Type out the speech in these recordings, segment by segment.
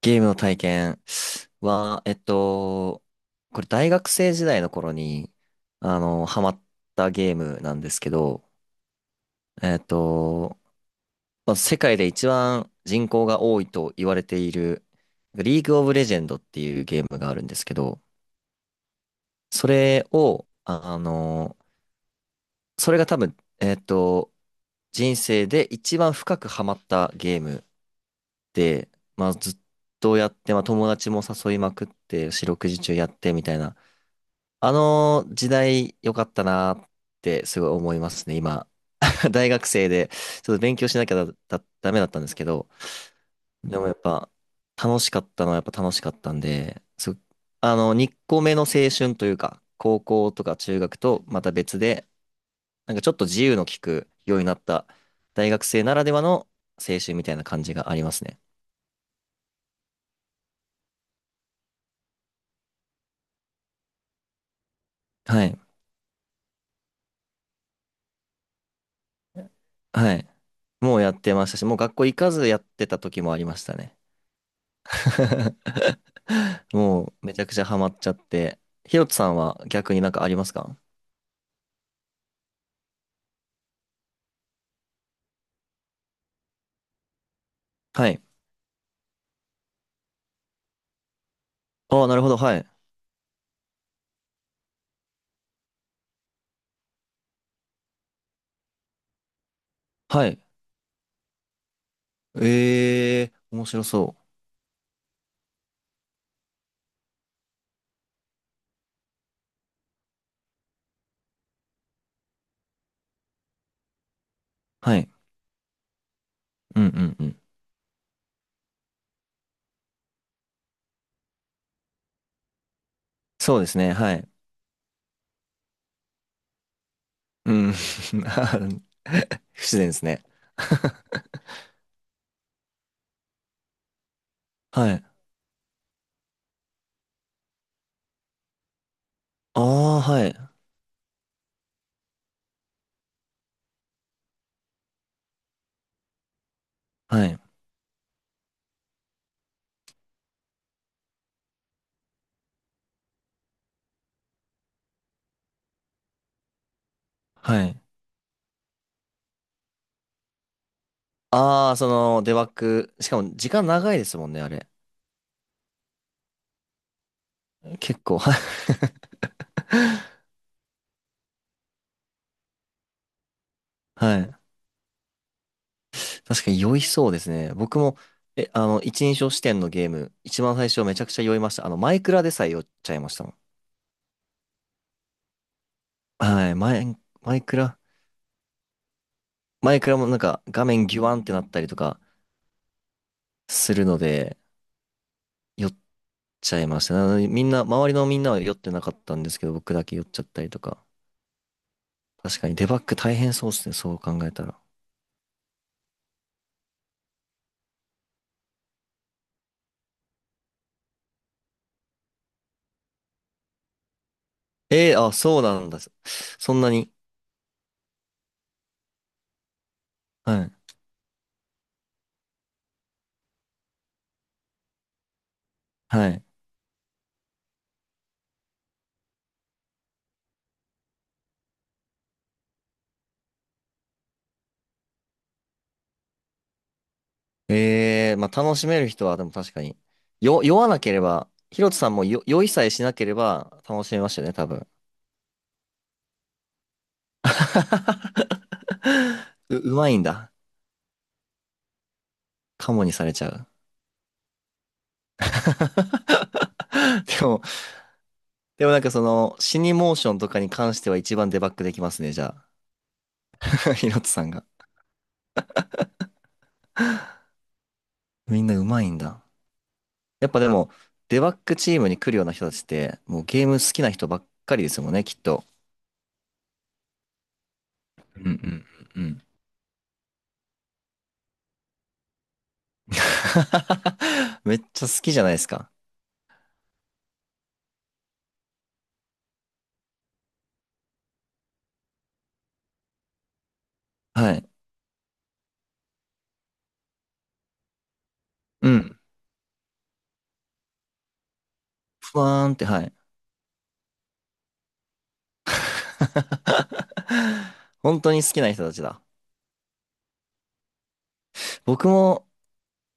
ゲームの体験は、これ大学生時代の頃に、ハマったゲームなんですけど、えっと、まあ、世界で一番人口が多いと言われている、リーグオブレジェンドっていうゲームがあるんですけど、それを、あの、それが多分、人生で一番深くハマったゲームで、まあ、ずっとやって、まあ、友達も誘いまくって、四六時中やってみたいな、あの時代良かったなってすごい思いますね、今。大学生で、ちょっと勉強しなきゃダメだったんですけど、でもやっぱ、楽しかったのはやっぱ楽しかったんで、すあの、2個目の青春というか、高校とか中学とまた別で、なんかちょっと自由の利くようになった大学生ならではの青春みたいな感じがありますね。はい。はい。もうやってましたし、もう学校行かずやってた時もありましたね。もうめちゃくちゃハマっちゃって。ひろとさんは逆になんかありますか？はい。ああ、なるほど。はい。はい。ええー、面白そう。はい。うんうんうん。そうですね。はい。うん。不自然ですね。はい。ああ、はい。はい。はい。ああ、その、デバッグ。しかも時間長いですもんね、あれ。結構。はい。確かに酔いそうですね。僕も、え、あの、一人称視点のゲーム、一番最初めちゃくちゃ酔いました。マイクラでさえ酔っちゃいましたもん。はい、マイクラ、マイクラもなんか画面ギュワンってなったりとかするので、酔っちゃいました。なのでみんな、周りのみんなは酔ってなかったんですけど、僕だけ酔っちゃったりとか。確かにデバッグ大変そうですね、そう考えたら。あ、そうなんだ。そんなに。はい。はい。ええ、まあ楽しめる人はでも確かに。酔わなければ、ヒロトさんも酔いさえしなければ楽しめましたよね、多分。うまいんだ。カモにされちゃう。でも、でもなんか死にモーションとかに関しては一番デバッグできますね、じゃあ。ヒロトさんが。みんなうまいんだ。やっぱでも、デバッグチームに来るような人たちって、もうゲーム好きな人ばっかりですもんね、きっと。うんうんうんうん。めっちゃ好きじゃないですか。はい。うん。ふわーんって、はい。本当に好きな人たちだ。僕も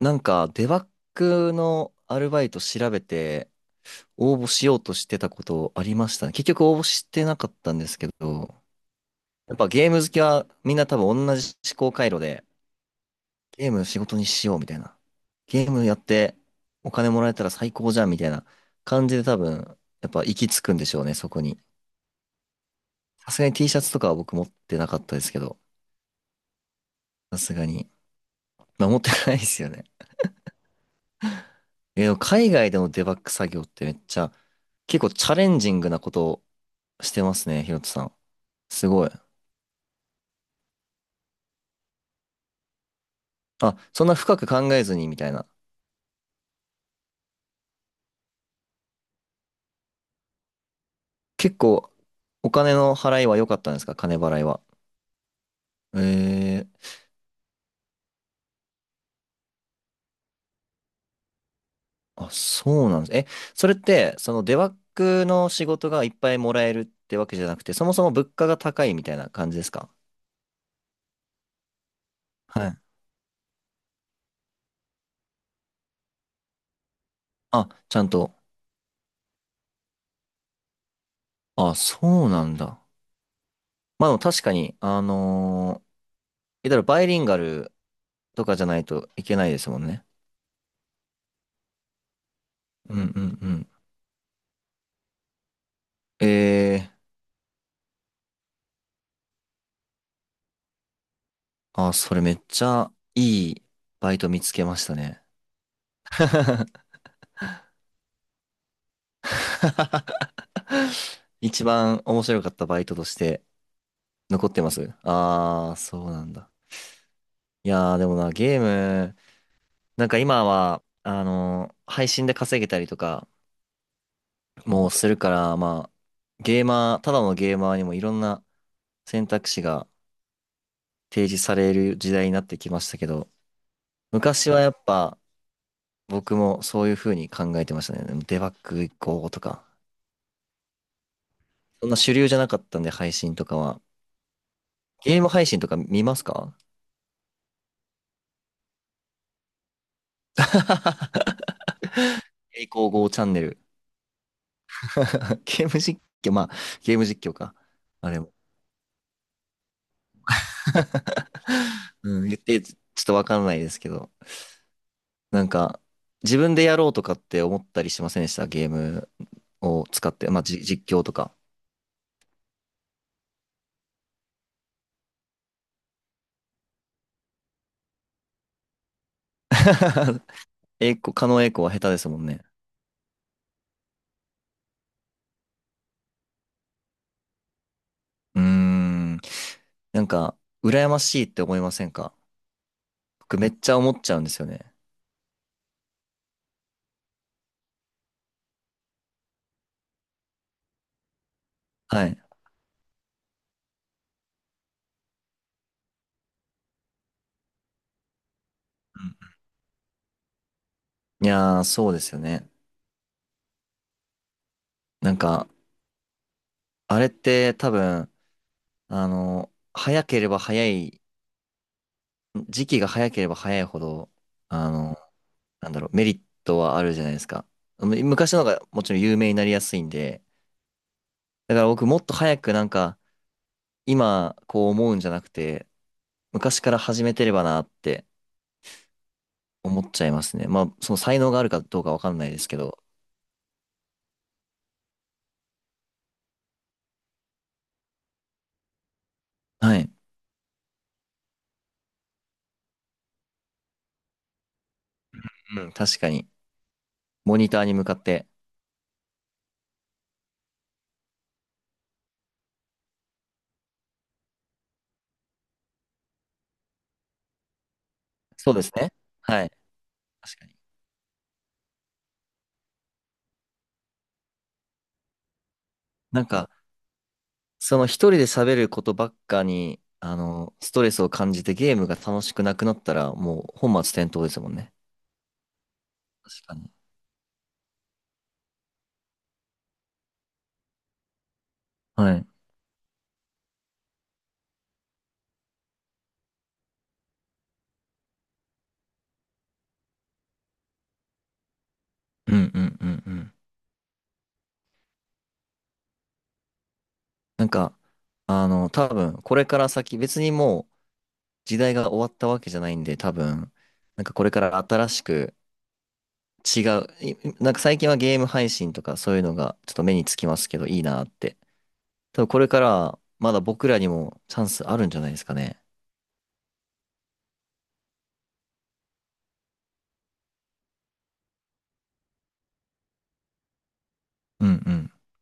なんかデバッグのアルバイト調べて応募しようとしてたことありましたね。結局応募してなかったんですけど、やっぱゲーム好きはみんな多分同じ思考回路でゲーム仕事にしようみたいな。ゲームやってお金もらえたら最高じゃんみたいな感じで多分やっぱ行き着くんでしょうね、そこに。さすがに T シャツとかは僕持ってなかったですけど、さすがに。まあ持ってないですよね。え、でも海外でのデバッグ作業ってめっちゃ、結構チャレンジングなことをしてますね、ひろとさん。すごい。あ、そんな深く考えずにみたいな。結構、お金の払いは良かったんですか？金払いは。えー、あ、そうなんです。え、それって、そのデバッグの仕事がいっぱいもらえるってわけじゃなくて、そもそも物価が高いみたいな感じですか？はい。あ、ちゃんと。あ、そうなんだ。まあでも確かに、言ったらバイリンガルとかじゃないといけないですもんね。うんうんうん。ええー、あ、それめっちゃいいバイト見つけましたね。一番面白かったバイトとして残ってます。ああ、そうなんだ。いやー、でもな、ゲーム、なんか今は、配信で稼げたりとかもうするから、まあ、ゲーマー、ただのゲーマーにもいろんな選択肢が提示される時代になってきましたけど、昔はやっぱ僕もそういう風に考えてましたね。でもデバッグ行こうとか。そんな主流じゃなかったんで、配信とかは。ゲーム配信とか見ますか？栄光号チャンネル。ゲーム実況、まあ、ゲーム実況か。まあれも。うん、言って、ちょっとわかんないですけど。なんか、自分でやろうとかって思ったりしませんでした？ゲームを使って。まあ、実況とか。狩野英孝は下手ですもんね。うーん。なんか、羨ましいって思いませんか？僕めっちゃ思っちゃうんですよね。はい。いやー、そうですよね。なんか、あれって多分、早ければ早い、時期が早ければ早いほど、あの、なんだろう、メリットはあるじゃないですか。昔の方がもちろん有名になりやすいんで、だから僕もっと早くなんか、今こう思うんじゃなくて、昔から始めてればなって思っちゃいますね。まあ、その才能があるかどうかわかんないですけど、はい。うん、確かに。モニターに向かって。そうですね。はい。確かに。なんか、その一人で喋ることばっかに、ストレスを感じてゲームが楽しくなくなったら、もう本末転倒ですもんね。確かに。はい。うんうんうんうん。なんか、多分、これから先、別にもう時代が終わったわけじゃないんで、多分、なんかこれから新しく違う、いなんか最近はゲーム配信とかそういうのがちょっと目につきますけど、いいなって。多分これからはまだ僕らにもチャンスあるんじゃないですかね。うんうん